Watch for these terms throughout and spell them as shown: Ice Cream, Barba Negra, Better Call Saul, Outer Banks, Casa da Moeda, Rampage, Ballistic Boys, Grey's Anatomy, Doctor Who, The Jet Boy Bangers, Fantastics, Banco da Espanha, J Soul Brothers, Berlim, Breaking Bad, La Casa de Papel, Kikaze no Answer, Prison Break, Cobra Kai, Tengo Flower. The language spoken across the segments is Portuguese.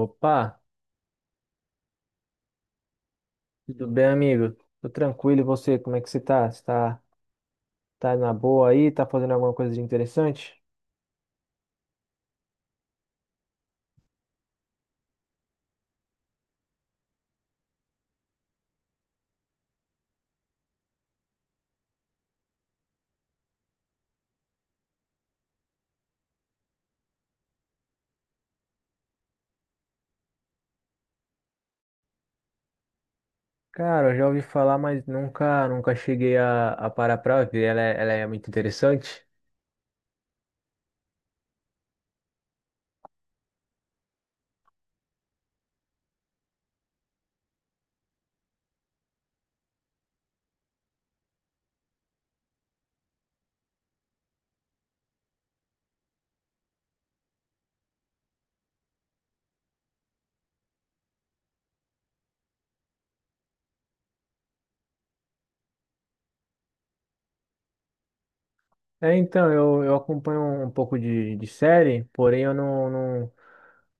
Opa, tudo bem, amigo? Tô tranquilo, e você? Como é que você tá? Tá na boa aí? Tá fazendo alguma coisa de interessante? Cara, eu já ouvi falar, mas nunca cheguei a parar pra ver. Ela é muito interessante. É, então, eu acompanho um pouco de série, porém eu não, não,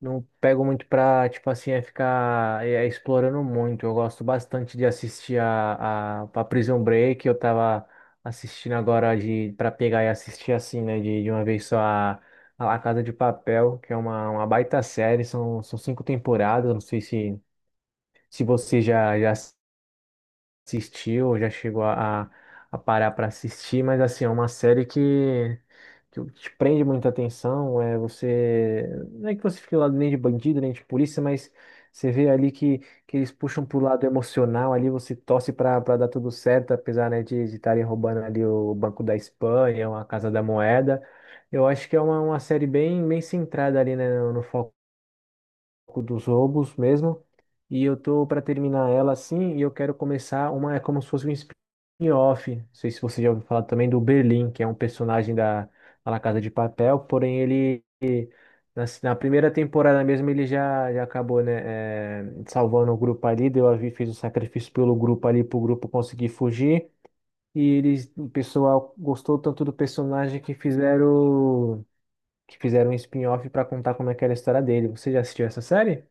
Não pego muito pra, tipo assim, é explorando muito. Eu gosto bastante de assistir a Prison Break. Eu tava assistindo agora de para pegar e assistir assim, né, de uma vez só a La Casa de Papel, que é uma baita série. São cinco temporadas. Eu não sei se você já assistiu, ou já chegou a parar para assistir, mas assim, é uma série que te prende muita atenção, é você, não é que você fique lá nem de bandido, nem de polícia, mas você vê ali que eles puxam pro lado emocional, ali você torce para dar tudo certo, apesar, né, de estarem roubando ali o Banco da Espanha, a Casa da Moeda. Eu acho que é uma série bem centrada ali, né, no foco pouco dos roubos mesmo. E eu tô para terminar ela assim, e eu quero começar uma, é como se fosse um spin-off. Não sei se você já ouviu falar também do Berlim, que é um personagem da La Casa de Papel, porém ele na primeira temporada mesmo ele já acabou, né, é, salvando o grupo ali, deu a vida, fez o sacrifício pelo grupo ali, pro grupo conseguir fugir. E eles, o pessoal gostou tanto do personagem que fizeram um spin-off para contar como é que era a história dele. Você já assistiu essa série?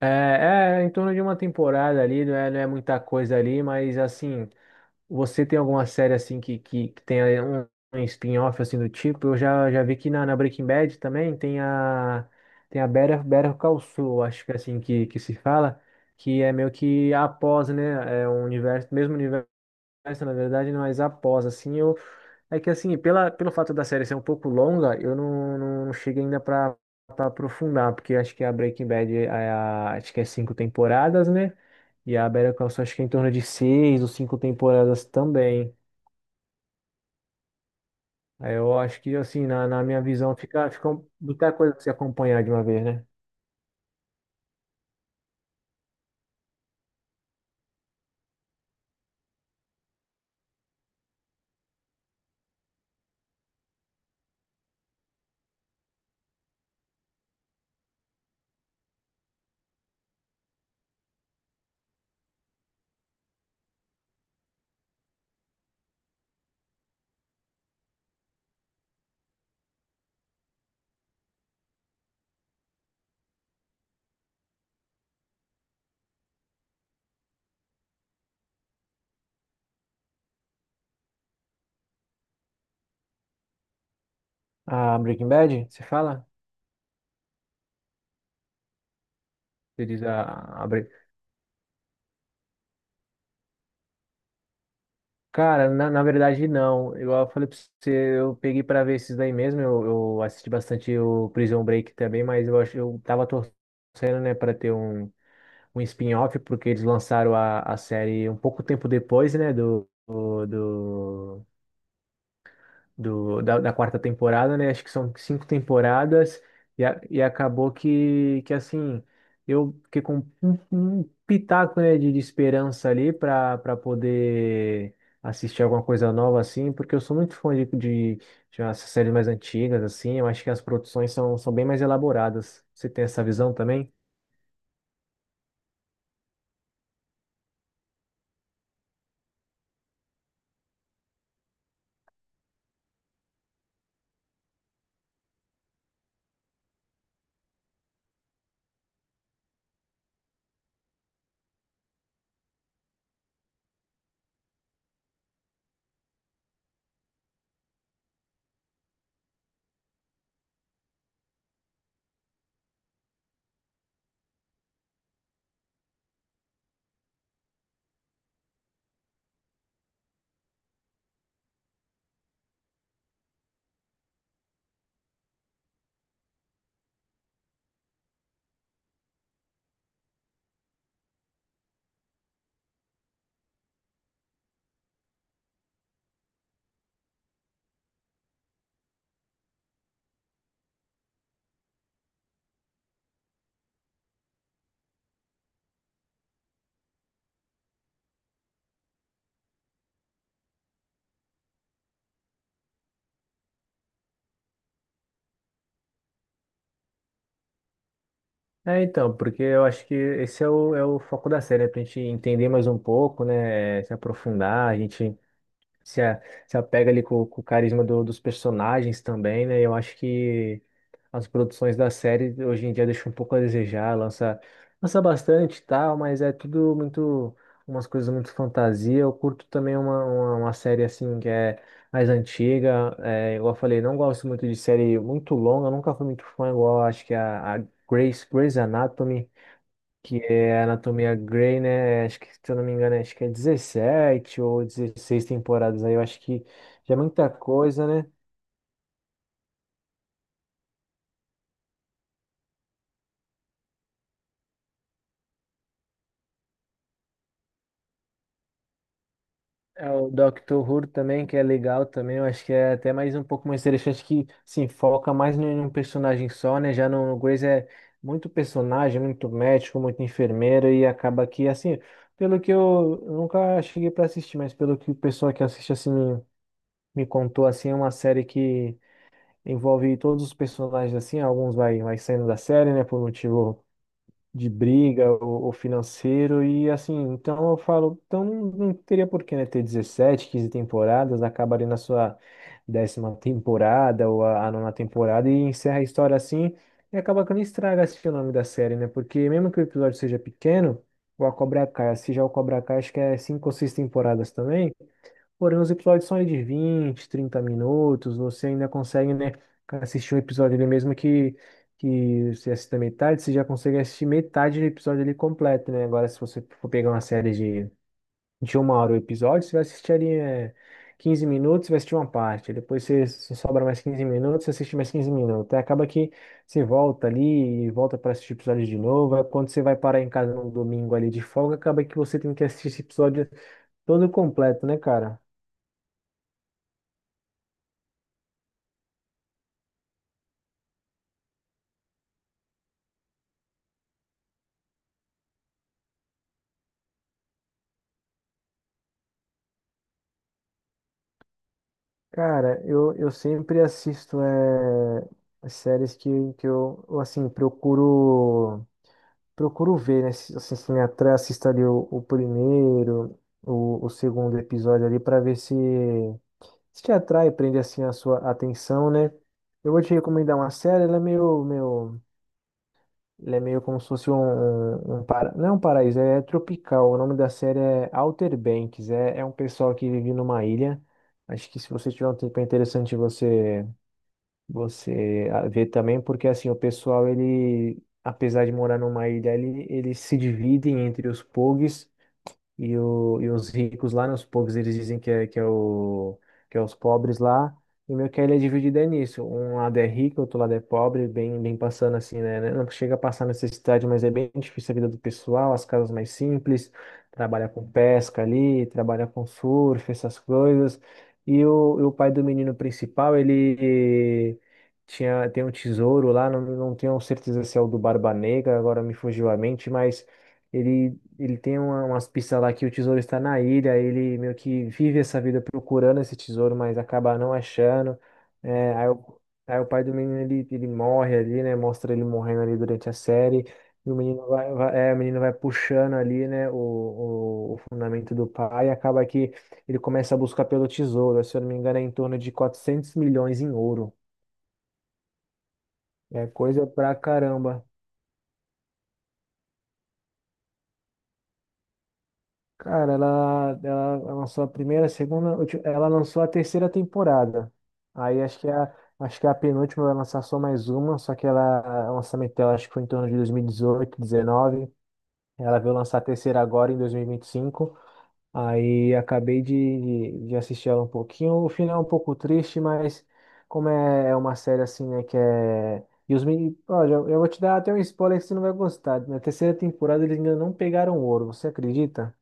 É, é em torno de uma temporada ali, não é muita coisa ali, mas assim, você tem alguma série assim que tenha um, um spin-off assim do tipo? Já vi que na Breaking Bad também tem a Better Call Saul, acho que é assim que se fala, que é meio que após, né, é um universo, mesmo universo essa, na verdade, mas após, assim, eu. É que, assim, pelo fato da série ser um pouco longa, eu não, não, não cheguei ainda pra, pra aprofundar, porque acho que a Breaking Bad, é a, acho que é cinco temporadas, né? E a Better Call Saul, acho que é em torno de seis ou cinco temporadas também. Aí eu acho que, assim, na minha visão, muita coisa pra se acompanhar de uma vez, né? A Breaking Bad, você fala? Você diz a Breaking. Cara, na verdade não. Igual eu falei pra você, eu peguei pra ver esses daí mesmo. Eu assisti bastante o Prison Break também, mas eu acho eu tava torcendo, né, pra ter um spin-off, porque eles lançaram a série um pouco tempo depois, né, da quarta temporada, né? Acho que são cinco temporadas e acabou que assim, eu fiquei com um pitaco, né, de esperança ali para poder assistir alguma coisa nova assim, porque eu sou muito fã de umas séries mais antigas assim. Eu acho que as produções são bem mais elaboradas. Você tem essa visão também? É, então, porque eu acho que esse é é o foco da série, né? Pra gente entender mais um pouco, né? Se aprofundar, a gente se, a- se apega ali com o carisma dos personagens também, né? Eu acho que as produções da série hoje em dia deixam um pouco a desejar, lança bastante e tal, mas é tudo muito, umas coisas muito fantasia. Eu curto também uma série assim que é mais antiga, é, igual eu falei, não gosto muito de série muito longa, eu nunca fui muito fã. Igual acho que é a Grey's Anatomy, que é a Anatomia Grey, né? Acho que, se eu não me engano, acho que é 17 ou 16 temporadas aí. Eu acho que já é muita coisa, né? É o Doctor Who também, que é legal também. Eu acho que é até mais um pouco mais interessante, que se foca mais em um personagem só, né? Já no Grey's é muito personagem, muito médico, muito enfermeiro, e acaba que, assim, pelo que eu nunca cheguei para assistir, mas pelo que o pessoal que assiste, assim, me contou, assim, é uma série que envolve todos os personagens assim, alguns vai saindo da série, né, por motivo de briga ou financeiro, e assim, então eu falo, então não teria por que, né, ter 17 15 temporadas, acaba ali na sua 10ª temporada ou a nona temporada e encerra a história assim, e acaba que não estraga assim, o nome da série, né, porque mesmo que o episódio seja pequeno, o A Cobra Kai, se já o Cobra Kai, acho que é cinco ou seis temporadas também. Porém, os episódios são aí de 20, 30 minutos. Você ainda consegue, né, assistir um episódio ali mesmo que você assista metade, você já consegue assistir metade do episódio ali completo, né? Agora, se você for pegar uma série de uma hora o episódio, você vai assistir ali, é, 15 minutos, você vai assistir uma parte, depois você sobra mais 15 minutos, você assiste mais 15 minutos. Aí acaba que você volta ali e volta para assistir episódio de novo. Aí quando você vai parar em casa no domingo ali de folga, acaba que você tem que assistir esse episódio todo completo, né, cara? Cara, eu sempre assisto é, as séries que eu, assim, procuro ver, né? Se- Assim, se me atrai, assisto ali o primeiro, o segundo episódio ali, para ver se te atrai, prende, assim, a sua atenção, né? Eu vou te recomendar uma série. Ela é ela é meio como se fosse um para, não é um paraíso, é tropical. O nome da série é Outer Banks, é, é um pessoal que vive numa ilha. Acho que se você tiver um tempo é interessante vê também, porque assim, o pessoal, ele, apesar de morar numa ilha, ele, eles se dividem entre os pogs e os ricos lá, né, os pobres, eles dizem que é os pobres lá. E meio que a ilha é dividida nisso. Um lado é rico, outro lado é pobre, bem passando assim, né? Não chega a passar necessidade, mas é bem difícil a vida do pessoal, as casas mais simples, trabalha com pesca ali, trabalha com surf, essas coisas. E o pai do menino principal, ele tem um tesouro lá, não tenho certeza se é o do Barba Negra, agora me fugiu a mente, mas. Ele Ele tem umas pistas lá que o tesouro está na ilha. Ele meio que vive essa vida procurando esse tesouro, mas acaba não achando. É, aí, o, aí o pai do menino ele, ele morre ali, né? Mostra ele morrendo ali durante a série. E o menino o menino vai puxando ali, né? O fundamento do pai. E acaba que ele começa a buscar pelo tesouro. Se eu não me engano, é em torno de 400 milhões em ouro. É coisa pra caramba. Cara, ela lançou a primeira, a segunda, ela lançou a terceira temporada. Aí acho que a penúltima vai lançar só mais uma, só que ela, o lançamento dela acho que foi em torno de 2018, 2019. Ela veio lançar a terceira agora em 2025. Aí acabei de assistir ela um pouquinho. O final é um pouco triste, mas como é uma série assim, né, que é. E os meninos, olha, eu vou te dar até um spoiler que você não vai gostar. Na terceira temporada eles ainda não pegaram ouro, você acredita?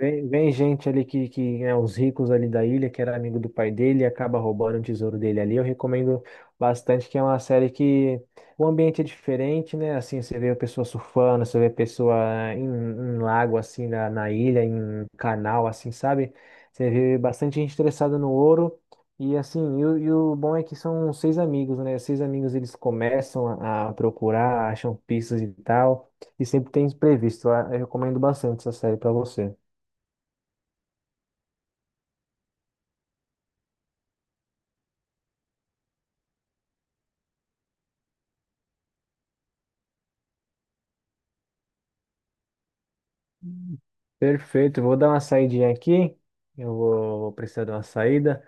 Vem gente ali que é os ricos ali da ilha, que era amigo do pai dele e acaba roubando o tesouro dele ali. Eu recomendo bastante, que é uma série que o ambiente é diferente, né? Assim, você vê a pessoa surfando, você vê a pessoa em lago, assim, na ilha, em canal, assim, sabe? Você vê bastante gente interessada no ouro. E assim, e o bom é que são seis amigos, né? Seis amigos eles começam a procurar, acham pistas e tal, e sempre tem imprevisto. Eu recomendo bastante essa série para você. Perfeito, vou dar uma saidinha aqui. Vou precisar de uma saída.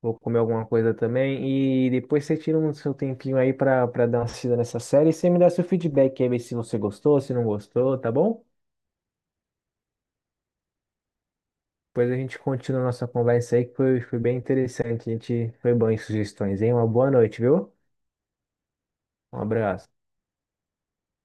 Vou comer alguma coisa também. E depois você tira um seu tempinho aí pra dar uma assistida nessa série. E você me dá seu feedback aí, ver se você gostou, se não gostou, tá bom? Depois a gente continua a nossa conversa aí, foi bem interessante. A gente foi bom em sugestões, hein? Uma boa noite, viu? Um abraço.